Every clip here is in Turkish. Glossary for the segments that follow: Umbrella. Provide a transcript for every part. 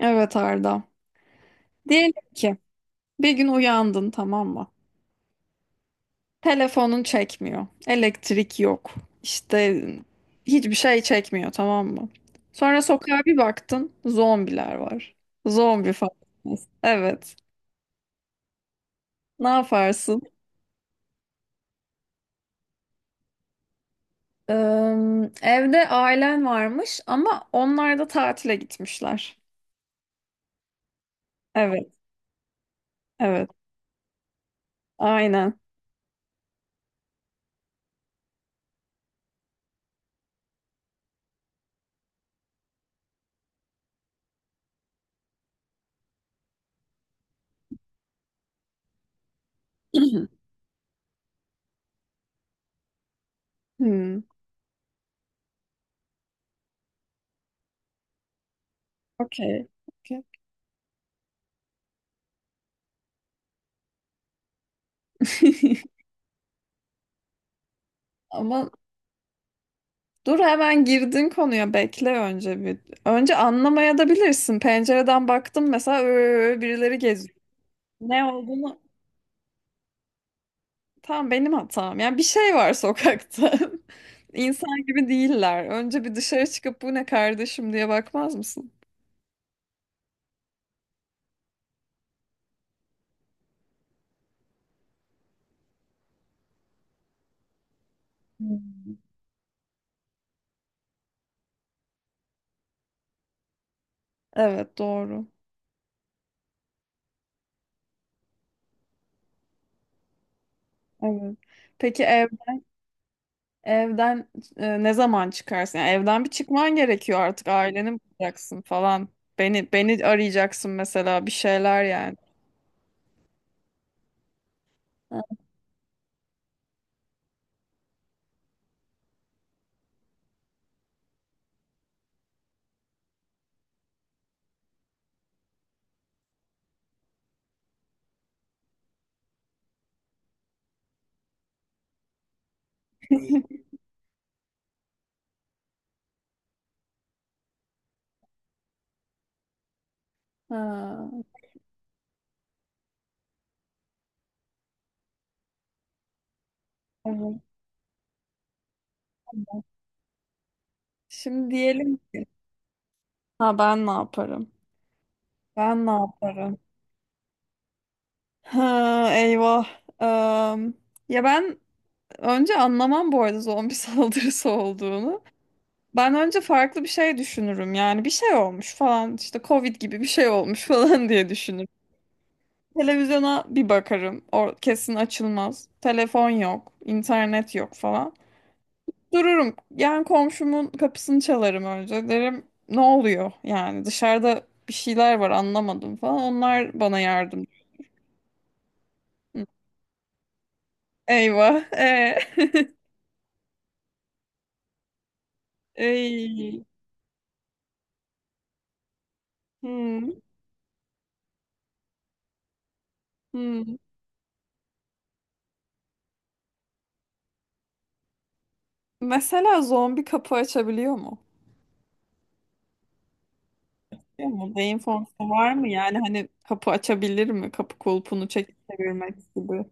Evet Arda. Diyelim ki bir gün uyandın, tamam mı? Telefonun çekmiyor. Elektrik yok. İşte hiçbir şey çekmiyor, tamam mı? Sonra sokağa bir baktın, zombiler var. Zombi falan. Evet. Ne yaparsın? Ee, Evde ailen varmış ama onlar da tatile gitmişler. Evet. Evet. Aynen. Hmm, okey. Okey. Ama dur, hemen girdin konuya, bekle önce bir. Önce anlamaya da bilirsin. Pencereden baktım mesela, "Ö, birileri geziyor." Ne olduğunu tam benim hatam. Yani bir şey var sokakta. İnsan gibi değiller. Önce bir dışarı çıkıp bu ne kardeşim diye bakmaz mısın? Hmm. Evet, doğru. Evet. Peki ev, evden ne zaman çıkarsın? Yani evden bir çıkman gerekiyor, artık aileni bulacaksın falan. Beni arayacaksın mesela, bir şeyler yani. Ha, ha, tamam, tamam. Şimdi diyelim ki, ha, ben ne yaparım? Ben ne yaparım? Ha, eyvah. Am, ya ben önce anlamam bu arada zombi saldırısı olduğunu. Ben önce farklı bir şey düşünürüm. Yani bir şey olmuş falan, işte Covid gibi bir şey olmuş falan diye düşünürüm. Televizyona bir bakarım. O kesin açılmaz. Telefon yok, internet yok falan. Dururum. Yani komşumun kapısını çalarım önce. Derim, ne oluyor? Yani dışarıda bir şeyler var, anlamadım falan. Onlar bana yardım. Hı. Eyvah. Ey. Hmm, hmm. Mesela zombi kapı açabiliyor mu? Biliyor mu? Beyin fonksiyonu var mı? Yani hani kapı açabilir mi? Kapı kulpunu çekip çevirmek gibi.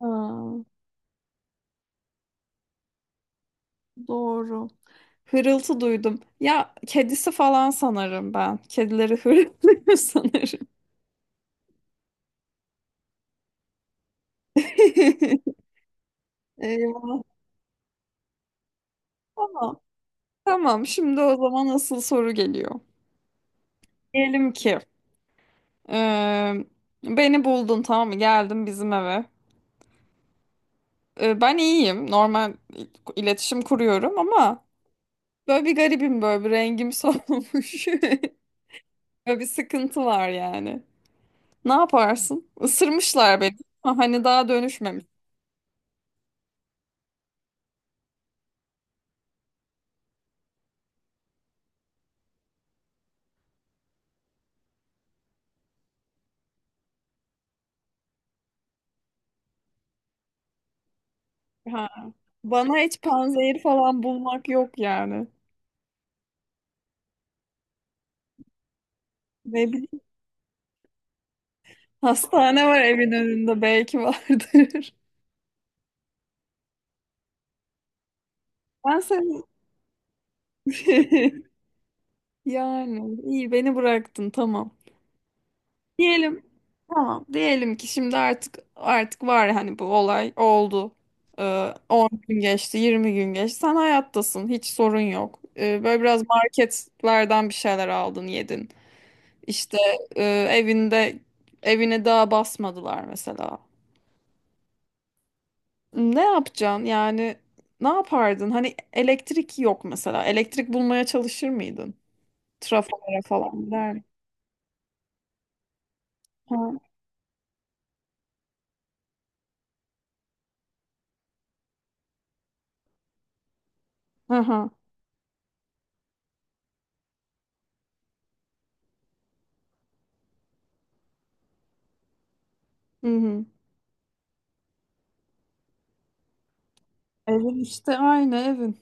Aa, doğru. Hırıltı duydum. Ya kedisi falan sanırım ben. Kedileri hırıltı sanırım. Eyvah. Tamam. Tamam. Şimdi o zaman asıl soru geliyor. Diyelim ki, e, beni buldun, tamam mı? Geldim bizim eve. E, ben iyiyim. Normal iletişim kuruyorum ama böyle bir garibim, böyle bir rengim solmuş. Böyle bir sıkıntı var yani. Ne yaparsın? Isırmışlar beni. Ha, hani daha dönüşmemiş. Ha. Bana hiç panzehir falan bulmak yok yani. Ne bileyim. Hastane var evin önünde, belki vardır. Ben seni yani iyi, beni bıraktın, tamam. Diyelim, tamam, diyelim ki şimdi artık var, hani bu olay oldu. 10 gün geçti, 20 gün geçti, sen hayattasın, hiç sorun yok. Böyle biraz marketlerden bir şeyler aldın yedin. İşte e, evinde evine daha basmadılar mesela. Ne yapacaksın yani, ne yapardın? Hani elektrik yok mesela, elektrik bulmaya çalışır mıydın? Trafolara falan gider miydin? Ha. Aha. Hı hı. Evin işte aynı evin.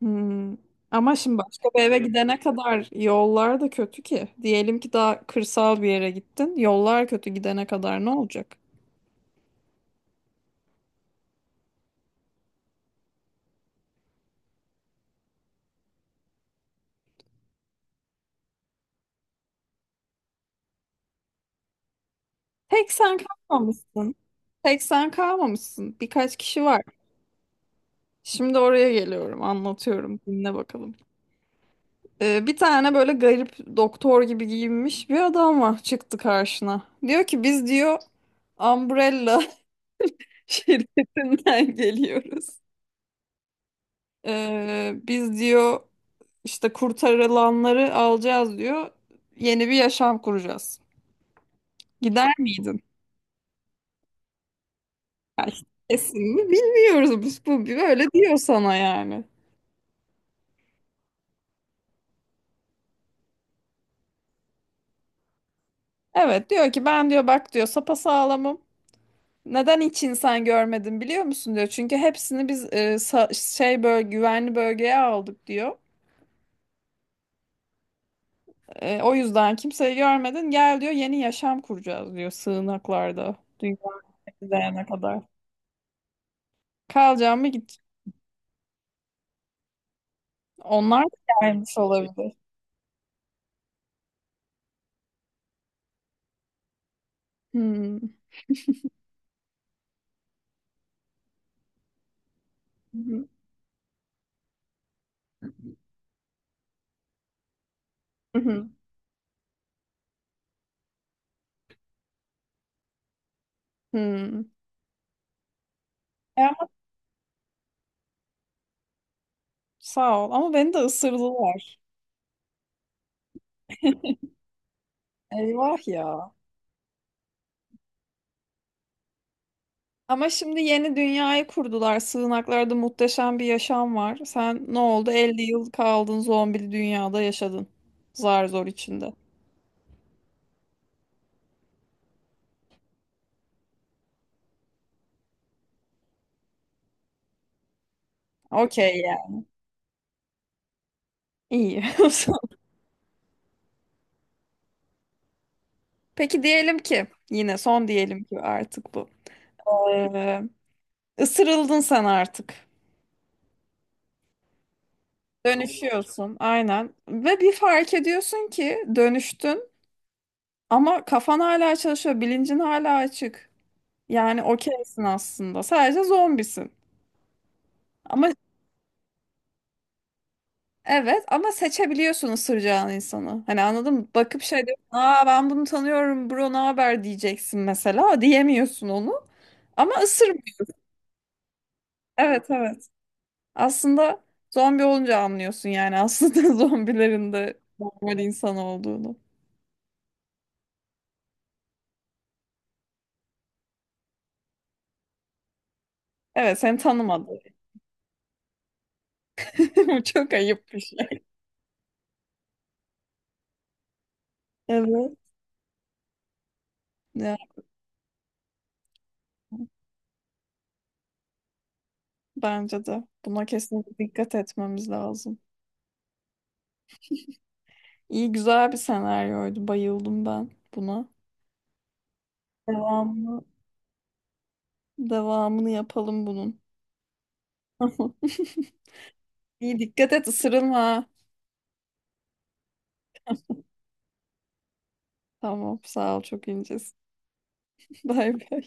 Hmm. Ama şimdi başka bir eve gidene kadar yollar da kötü ki. Diyelim ki daha kırsal bir yere gittin. Yollar kötü, gidene kadar ne olacak? Tek sen kalmamışsın. Tek sen kalmamışsın. Birkaç kişi var. Şimdi oraya geliyorum, anlatıyorum. Dinle bakalım. Bir tane böyle garip doktor gibi giyinmiş bir adam var, çıktı karşına. Diyor ki, biz diyor Umbrella şirketinden geliyoruz. Biz diyor, İşte kurtarılanları alacağız diyor. Yeni bir yaşam kuracağız. Gider miydin? Kesin mi? Bilmiyoruz, biz bu böyle diyor sana yani. Evet, diyor ki ben diyor bak diyor sapasağlamım. Neden hiç insan görmedim biliyor musun diyor. Çünkü hepsini biz şey, böyle güvenli bölgeye aldık diyor. E, o yüzden kimseyi görmedin. Gel diyor, yeni yaşam kuracağız diyor, sığınaklarda. Dünya gidene kadar. Kalacağım mı, git. Onlar da gelmiş olabilir. Hmm. Hmm. E ama sağ ol. Ama beni de ısırdılar. Eyvah ya. Ama şimdi yeni dünyayı kurdular. Sığınaklarda muhteşem bir yaşam var. Sen ne oldu? 50 yıl kaldın zombili dünyada yaşadın. Zar zor içinde. Okey ya. İyi. Peki diyelim ki yine son, diyelim ki artık bu. Ee, ısırıldın sen artık. Dönüşüyorsun aynen. Ve bir fark ediyorsun ki dönüştün ama kafan hala çalışıyor, bilincin hala açık. Yani okeysin aslında. Sadece zombisin. Ama evet, ama seçebiliyorsun ısıracağın insanı. Hani anladın mı? Bakıp şey diyorsun. Aa, ben bunu tanıyorum bro, ne haber diyeceksin mesela. Diyemiyorsun onu. Ama ısırmıyor. Evet, evet. Aslında zombi olunca anlıyorsun yani aslında zombilerin de normal insan olduğunu. Evet, seni tanımadı. Bu çok ayıp bir şey. Evet. Ya, bence de. Buna kesinlikle dikkat etmemiz lazım. İyi, güzel bir senaryoydu. Bayıldım ben buna. Devamını, devamını yapalım bunun. Tamam. İyi, dikkat et, ısırılma. Tamam, sağ ol, çok incesin. Bay bay.